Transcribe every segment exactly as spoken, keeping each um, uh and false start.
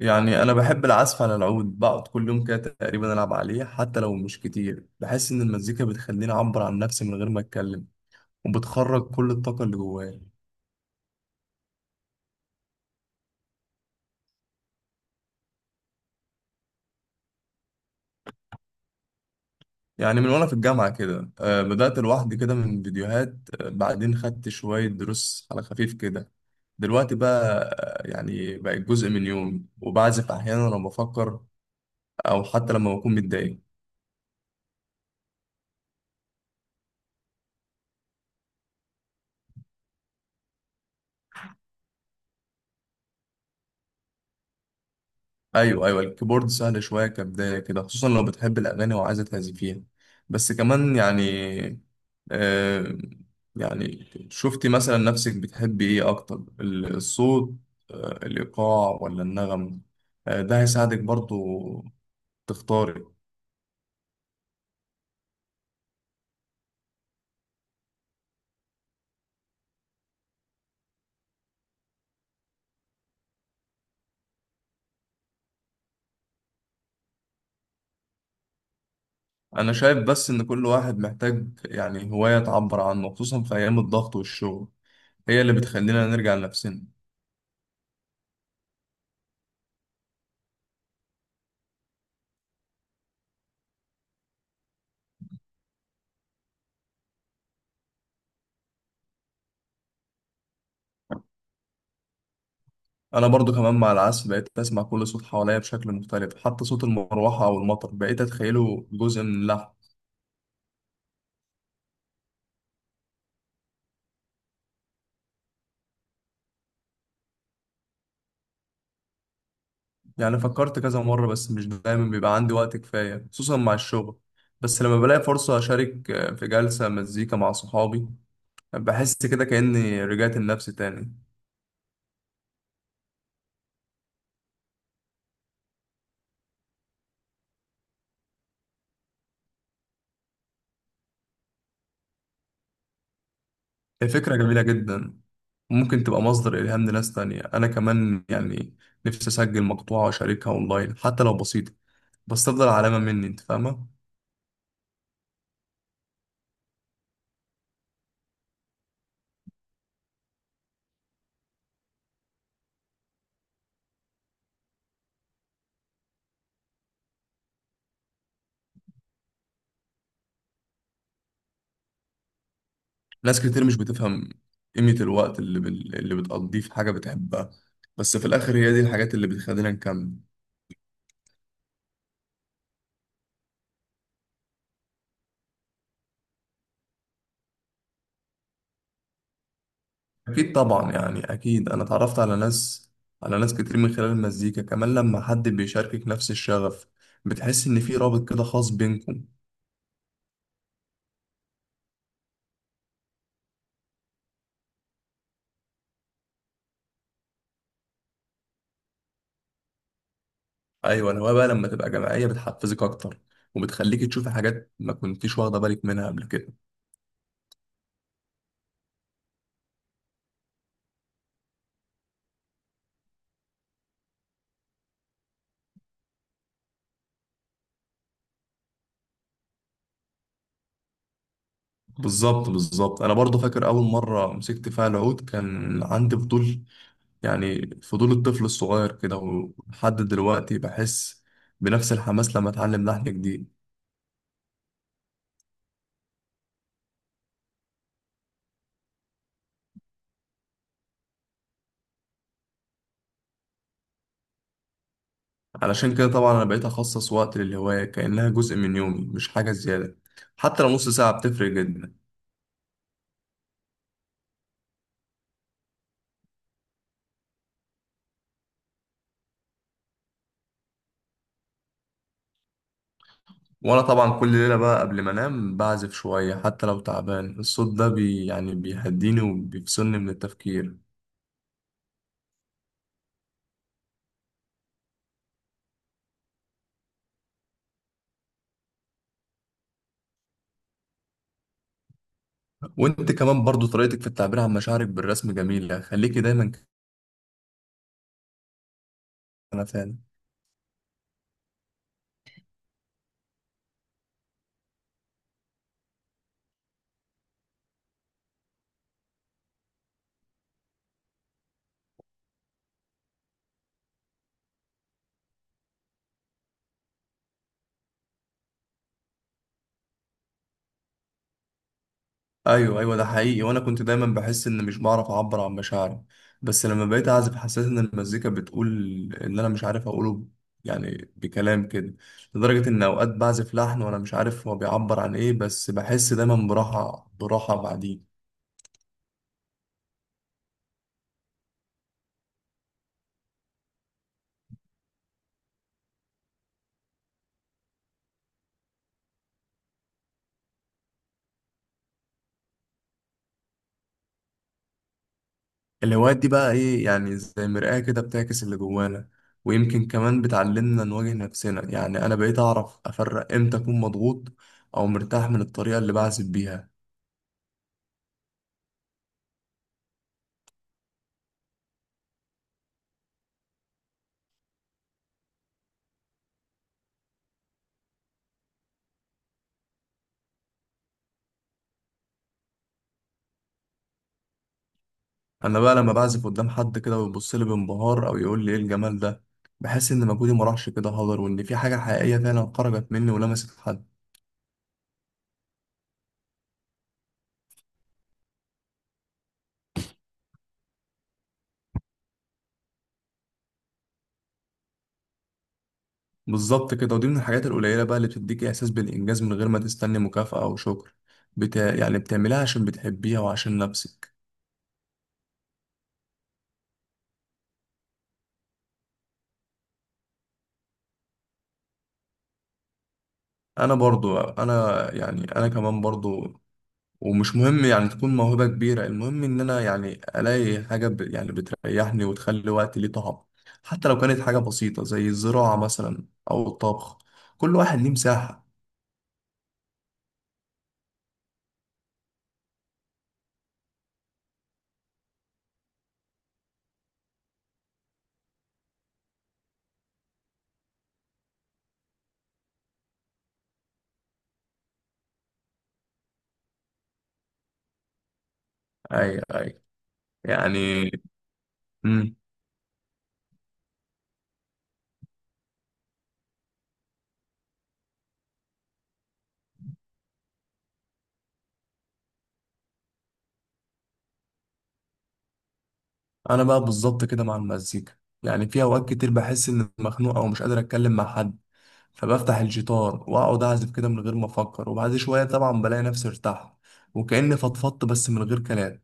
يعني أنا بحب العزف على العود، بقعد كل يوم كده تقريبا ألعب عليه حتى لو مش كتير. بحس إن المزيكا بتخليني أعبر عن نفسي من غير ما أتكلم وبتخرج كل الطاقة اللي جوايا. يعني من وأنا في الجامعة كده، آه، بدأت لوحدي كده من فيديوهات. آه، بعدين خدت شوية دروس على خفيف كده. دلوقتي بقى آه، يعني بقت جزء من يومي وبعزف أحيانا لما بفكر أو حتى لما بكون متضايق. ايوه ايوه الكيبورد سهل شويه كبدايه كده، خصوصا لو بتحب الاغاني وعايزه تعزفيها. بس كمان يعني. آه يعني شفتي مثلا نفسك بتحبي ايه اكتر، ال- الصوت آه الايقاع ولا النغم؟ آه ده هيساعدك برضو تختاري. انا شايف بس ان كل واحد محتاج يعني هوايه تعبر عنه، خصوصا في ايام الضغط والشغل هي اللي بتخلينا نرجع لنفسنا. انا برضو كمان مع العزف بقيت اسمع كل صوت حواليا بشكل مختلف، حتى صوت المروحه او المطر بقيت اتخيله جزء من اللحن. يعني فكرت كذا مره بس مش دايما بيبقى عندي وقت كفايه خصوصا مع الشغل. بس لما بلاقي فرصه اشارك آه، في جلسه مزيكا مع صحابي بحس كده كاني رجعت لنفسي تاني. هي فكره جميله جدا، ممكن تبقى مصدر الهام لناس تانية. انا كمان يعني نفسي اسجل مقطوعه واشاركها اونلاين حتى لو بسيطه، بس تفضل علامه مني. انت فاهمه. ناس كتير مش بتفهم قيمة الوقت اللي بال... اللي بتقضيه في حاجة بتحبها، بس في الآخر هي دي الحاجات اللي بتخلينا نكمل. أكيد طبعا، يعني أكيد أنا اتعرفت على ناس، على ناس كتير من خلال المزيكا. كمان لما حد بيشاركك نفس الشغف بتحس إن في رابط كده خاص بينكم. أيوة الهواية بقى لما تبقى جماعية بتحفزك أكتر، وبتخليك تشوفي حاجات ما كنتيش واخدة بالك منها قبل كده. بالظبط بالظبط، أنا برضه فاكر أول مرة مسكت فيها العود كان عندي فضول، يعني فضول الطفل الصغير كده. ولحد دلوقتي بحس بنفس الحماس لما اتعلم لحن جديد. علشان كده طبعا انا بقيت اخصص وقت للهواية كأنها جزء من يومي مش حاجة زيادة، حتى لو نص ساعة بتفرق جدا. وانا طبعا كل ليلة بقى قبل ما انام بعزف شوية حتى لو تعبان، الصوت ده بي يعني بيهديني وبيفصلني من التفكير. وانت كمان برضو طريقتك في التعبير عن مشاعرك بالرسم جميلة، خليكي دايما كده. انا فعلا. ايوه ايوه ده حقيقي، وانا كنت دايما بحس ان مش بعرف اعبر عن مشاعري، بس لما بقيت اعزف حسيت ان المزيكا بتقول اللي انا مش عارف اقوله، يعني بكلام كده. لدرجة ان اوقات بعزف لحن وانا مش عارف هو بيعبر عن ايه، بس بحس دايما براحة براحة بعدين. الهوايات دي بقى ايه، يعني زي مرآة كده بتعكس اللي جوانا. ويمكن كمان بتعلمنا نواجه نفسنا، يعني انا بقيت اعرف افرق امتى اكون مضغوط او مرتاح من الطريقة اللي بعزف بيها. انا بقى لما بعزف قدام حد كده ويبص لي بانبهار او يقول لي ايه الجمال ده، بحس ان مجهودي ما راحش كده هدر وان في حاجه حقيقيه فعلا خرجت مني ولمست حد. بالظبط كده، ودي من الحاجات القليله بقى اللي بتديك احساس بالانجاز من غير ما تستني مكافاه او شكر. بتا... يعني بتعملها عشان بتحبيها وعشان نفسك. انا برضو انا يعني انا كمان برضو. ومش مهم يعني تكون موهبة كبيرة، المهم إن أنا يعني ألاقي حاجة ب... يعني بتريحني وتخلي وقتي ليه طعم، حتى لو كانت حاجة بسيطة زي الزراعة مثلا أو الطبخ. كل واحد ليه مساحة. أي أي يعني. مم. أنا بقى بالظبط كده مع المزيكا. يعني في أوقات كتير بحس إني مخنوق أو مش قادر أتكلم مع حد، فبفتح الجيتار وأقعد أعزف كده من غير ما أفكر. وبعد شوية طبعا بلاقي نفسي ارتحت، وكأني فضفضت بس من غير كلام.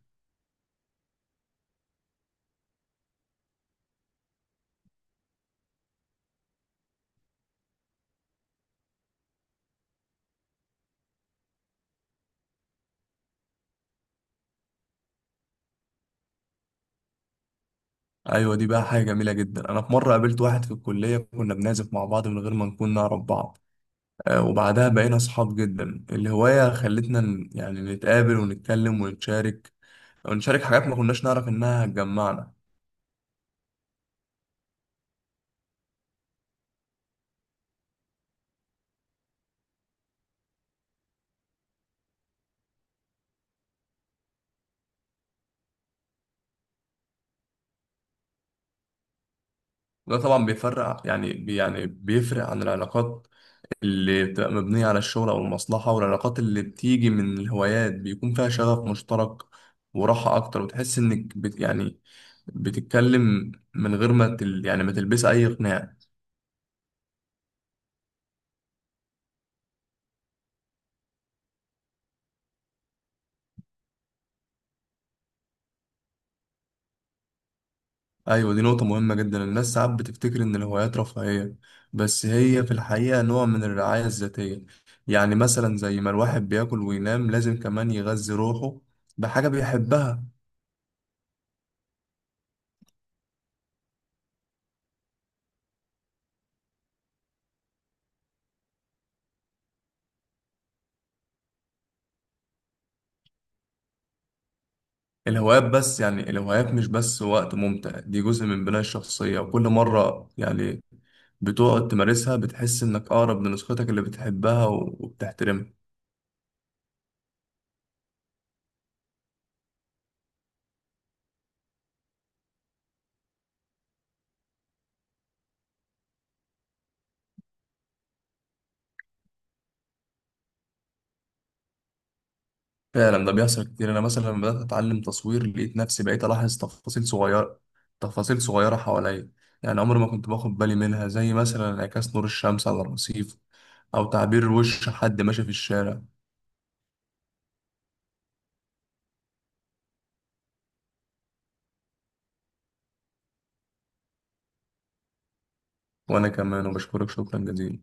ايوه دي بقى حاجه جميله جدا، انا في مره قابلت واحد في الكليه كنا بنعزف مع بعض من غير ما نكون نعرف بعض. آه، وبعدها بقينا اصحاب جدا، الهوايه خلتنا ن- يعني نتقابل ونتكلم ونتشارك، ونشارك حاجات ما كناش نعرف انها هتجمعنا. وده طبعا بيفرق يعني بي- يعني بيفرق عن العلاقات اللي بتبقى مبنيه على الشغل او المصلحه. والعلاقات اللي بتيجي من الهوايات بيكون فيها شغف مشترك وراحه اكتر. وتحس انك بت يعني بتتكلم من غير ما تل يعني ما تلبس اي قناع. ايوه دي نقطة مهمة جدا، الناس ساعات بتفتكر ان الهوايات رفاهية، بس هي في الحقيقة نوع من الرعاية الذاتية. يعني مثلا زي ما الواحد بياكل وينام لازم كمان يغذي روحه بحاجة بيحبها. الهوايات بس يعني الهوايات مش بس وقت ممتع، دي جزء من بناء الشخصية. وكل مرة يعني بتقعد تمارسها بتحس انك اقرب لنسختك اللي بتحبها وبتحترمها. فعلا ده بيحصل كتير، انا مثلا لما بدات اتعلم تصوير لقيت نفسي بقيت الاحظ تفاصيل صغيره، تفاصيل صغيره حواليا. يعني عمري ما كنت باخد بالي منها، زي مثلا انعكاس نور الشمس على الرصيف او تعبير وش حد ماشي في الشارع. وانا كمان وبشكرك شكرا جزيلا.